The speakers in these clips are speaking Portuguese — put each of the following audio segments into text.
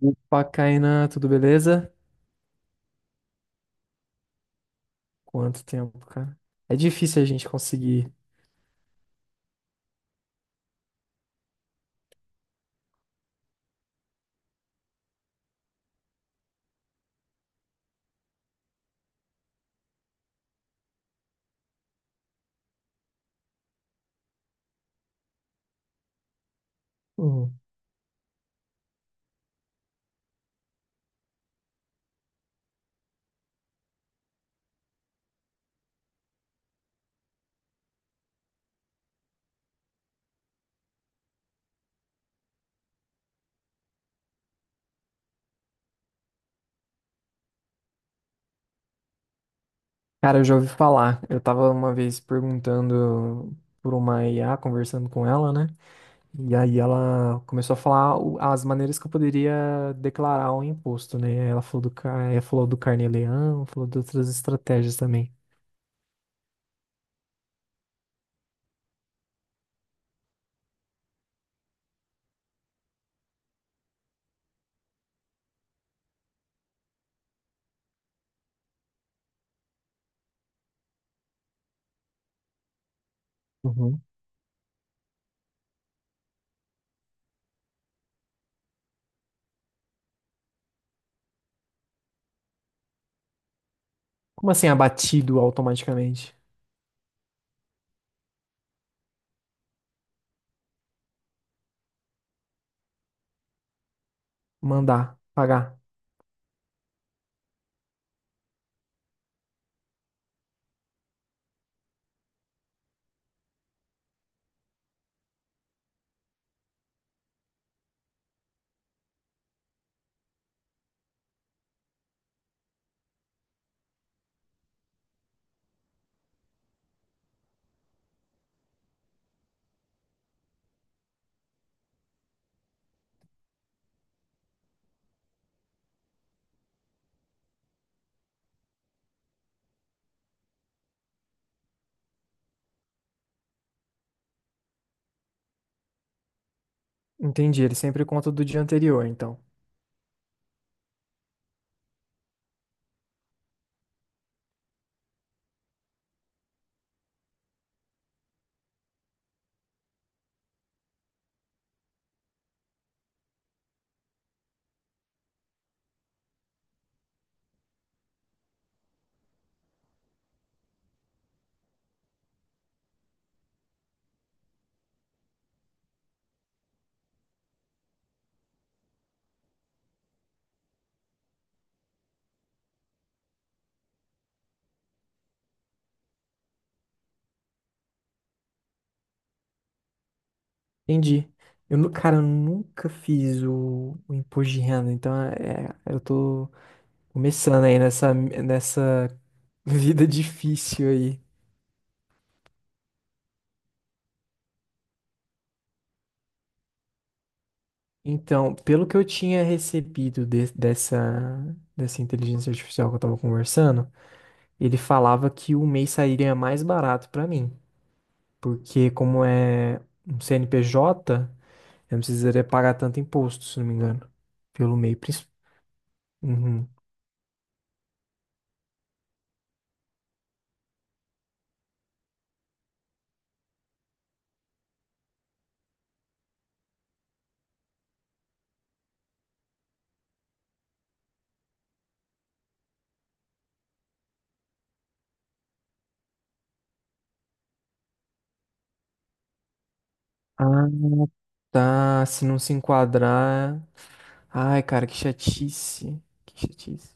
Opa, Kainan, tudo beleza? Quanto tempo, cara? É difícil a gente conseguir. Uhum. Cara, eu já ouvi falar. Eu tava uma vez perguntando por uma IA, conversando com ela, né? E aí ela começou a falar as maneiras que eu poderia declarar um imposto, né? Ela falou do, ela falou do carnê-leão, falou de outras estratégias também. Uhum. Como assim abatido automaticamente? Mandar, pagar. Entendi, ele sempre conta do dia anterior, então. Entendi. Eu, cara, eu nunca fiz o imposto de renda, então eu tô começando aí nessa vida difícil aí. Então, pelo que eu tinha recebido dessa, dessa inteligência artificial que eu tava conversando, ele falava que o mês sairia mais barato pra mim, porque como é um CNPJ. Eu não precisaria pagar tanto imposto, se não me engano. Pelo MEI, principalmente. Uhum. Ah, tá. Se não se enquadrar. Ai, cara, que chatice. Que chatice.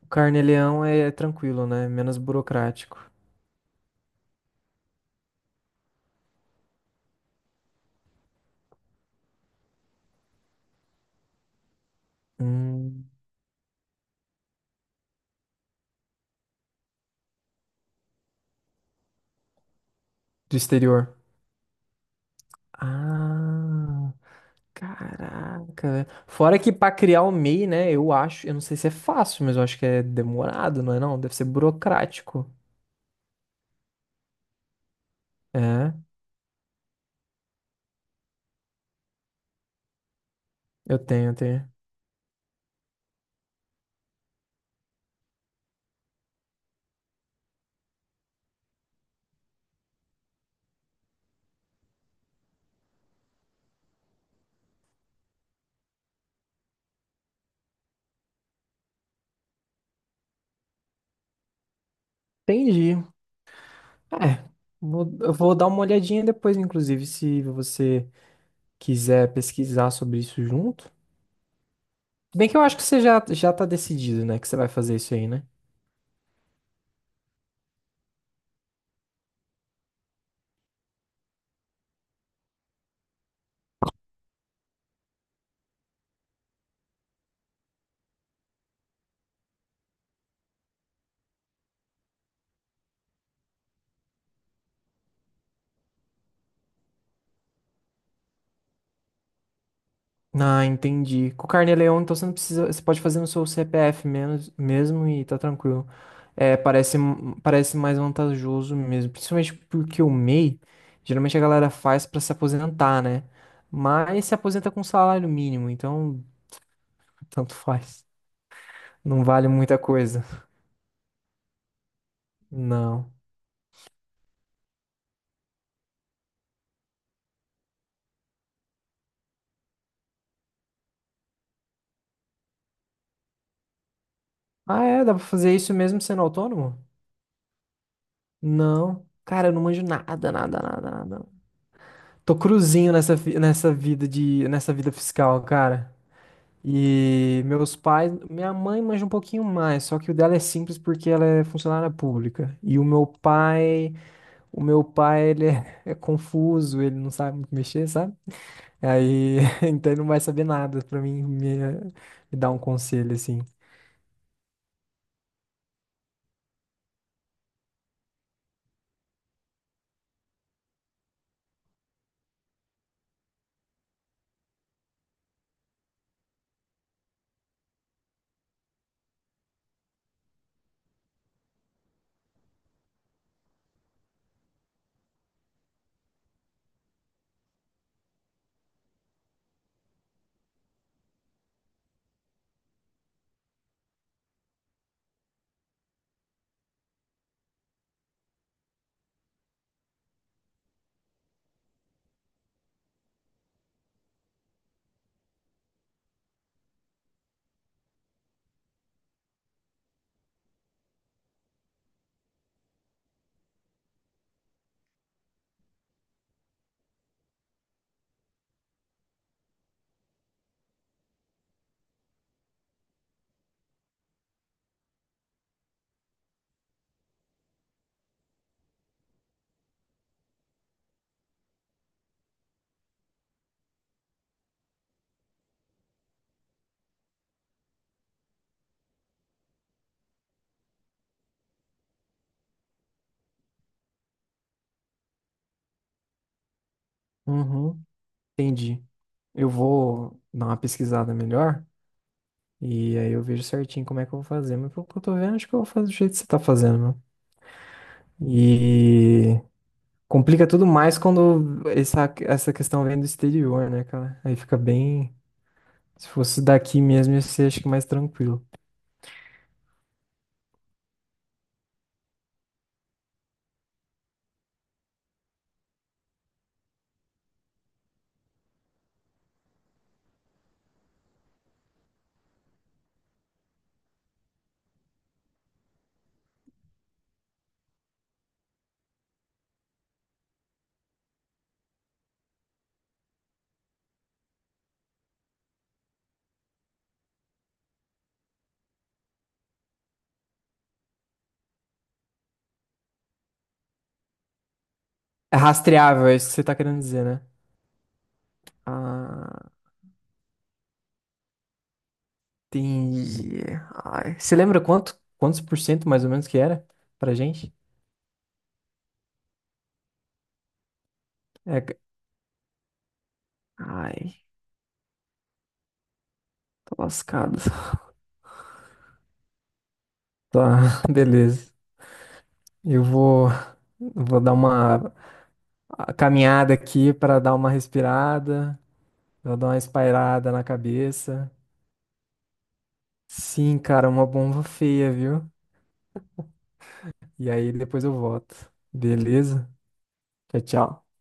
O carnê-leão é tranquilo, né? É menos burocrático. Hum, do exterior. Ah, caraca. Velho. Fora que pra criar o MEI, né? Eu acho. Eu não sei se é fácil, mas eu acho que é demorado, não é não? Deve ser burocrático. É, eu tenho, eu tenho. Entendi. É, eu vou dar uma olhadinha depois, inclusive, se você quiser pesquisar sobre isso junto. Se bem que eu acho que você já tá decidido, né? Que você vai fazer isso aí, né? Ah, entendi. Com o Carneleon, então você não precisa. Você pode fazer no seu CPF menos, mesmo e tá tranquilo. É, parece, parece mais vantajoso mesmo. Principalmente porque o MEI, geralmente a galera faz pra se aposentar, né? Mas se aposenta com salário mínimo, então tanto faz. Não vale muita coisa. Não. Ah, é? Dá pra fazer isso mesmo sendo autônomo? Não. Cara, eu não manjo nada, nada, nada, nada. Tô cruzinho nessa, nessa vida de, nessa vida fiscal, cara. E meus pais, minha mãe manja um pouquinho mais, só que o dela é simples porque ela é funcionária pública. E o meu pai, ele é, é confuso, ele não sabe muito mexer, sabe? Aí, então ele não vai saber nada pra mim me dar um conselho assim. Uhum, entendi. Eu vou dar uma pesquisada melhor. E aí eu vejo certinho como é que eu vou fazer. Mas pelo que eu tô vendo, acho que eu vou fazer do jeito que você tá fazendo, mano. E complica tudo mais quando essa questão vem do exterior, né, cara? Aí fica bem. Se fosse daqui mesmo, ia ser acho que mais tranquilo. É rastreável, é isso que você tá querendo dizer, né? Ah, entendi. Ai, você lembra quantos por cento mais ou menos que era pra gente? É, g- ai, tô lascado. Tá, beleza. Eu vou, vou dar uma a caminhada aqui para dar uma respirada, pra dar uma espairada na cabeça. Sim, cara, uma bomba feia, viu? E aí depois eu volto. Beleza? Tchau, tchau.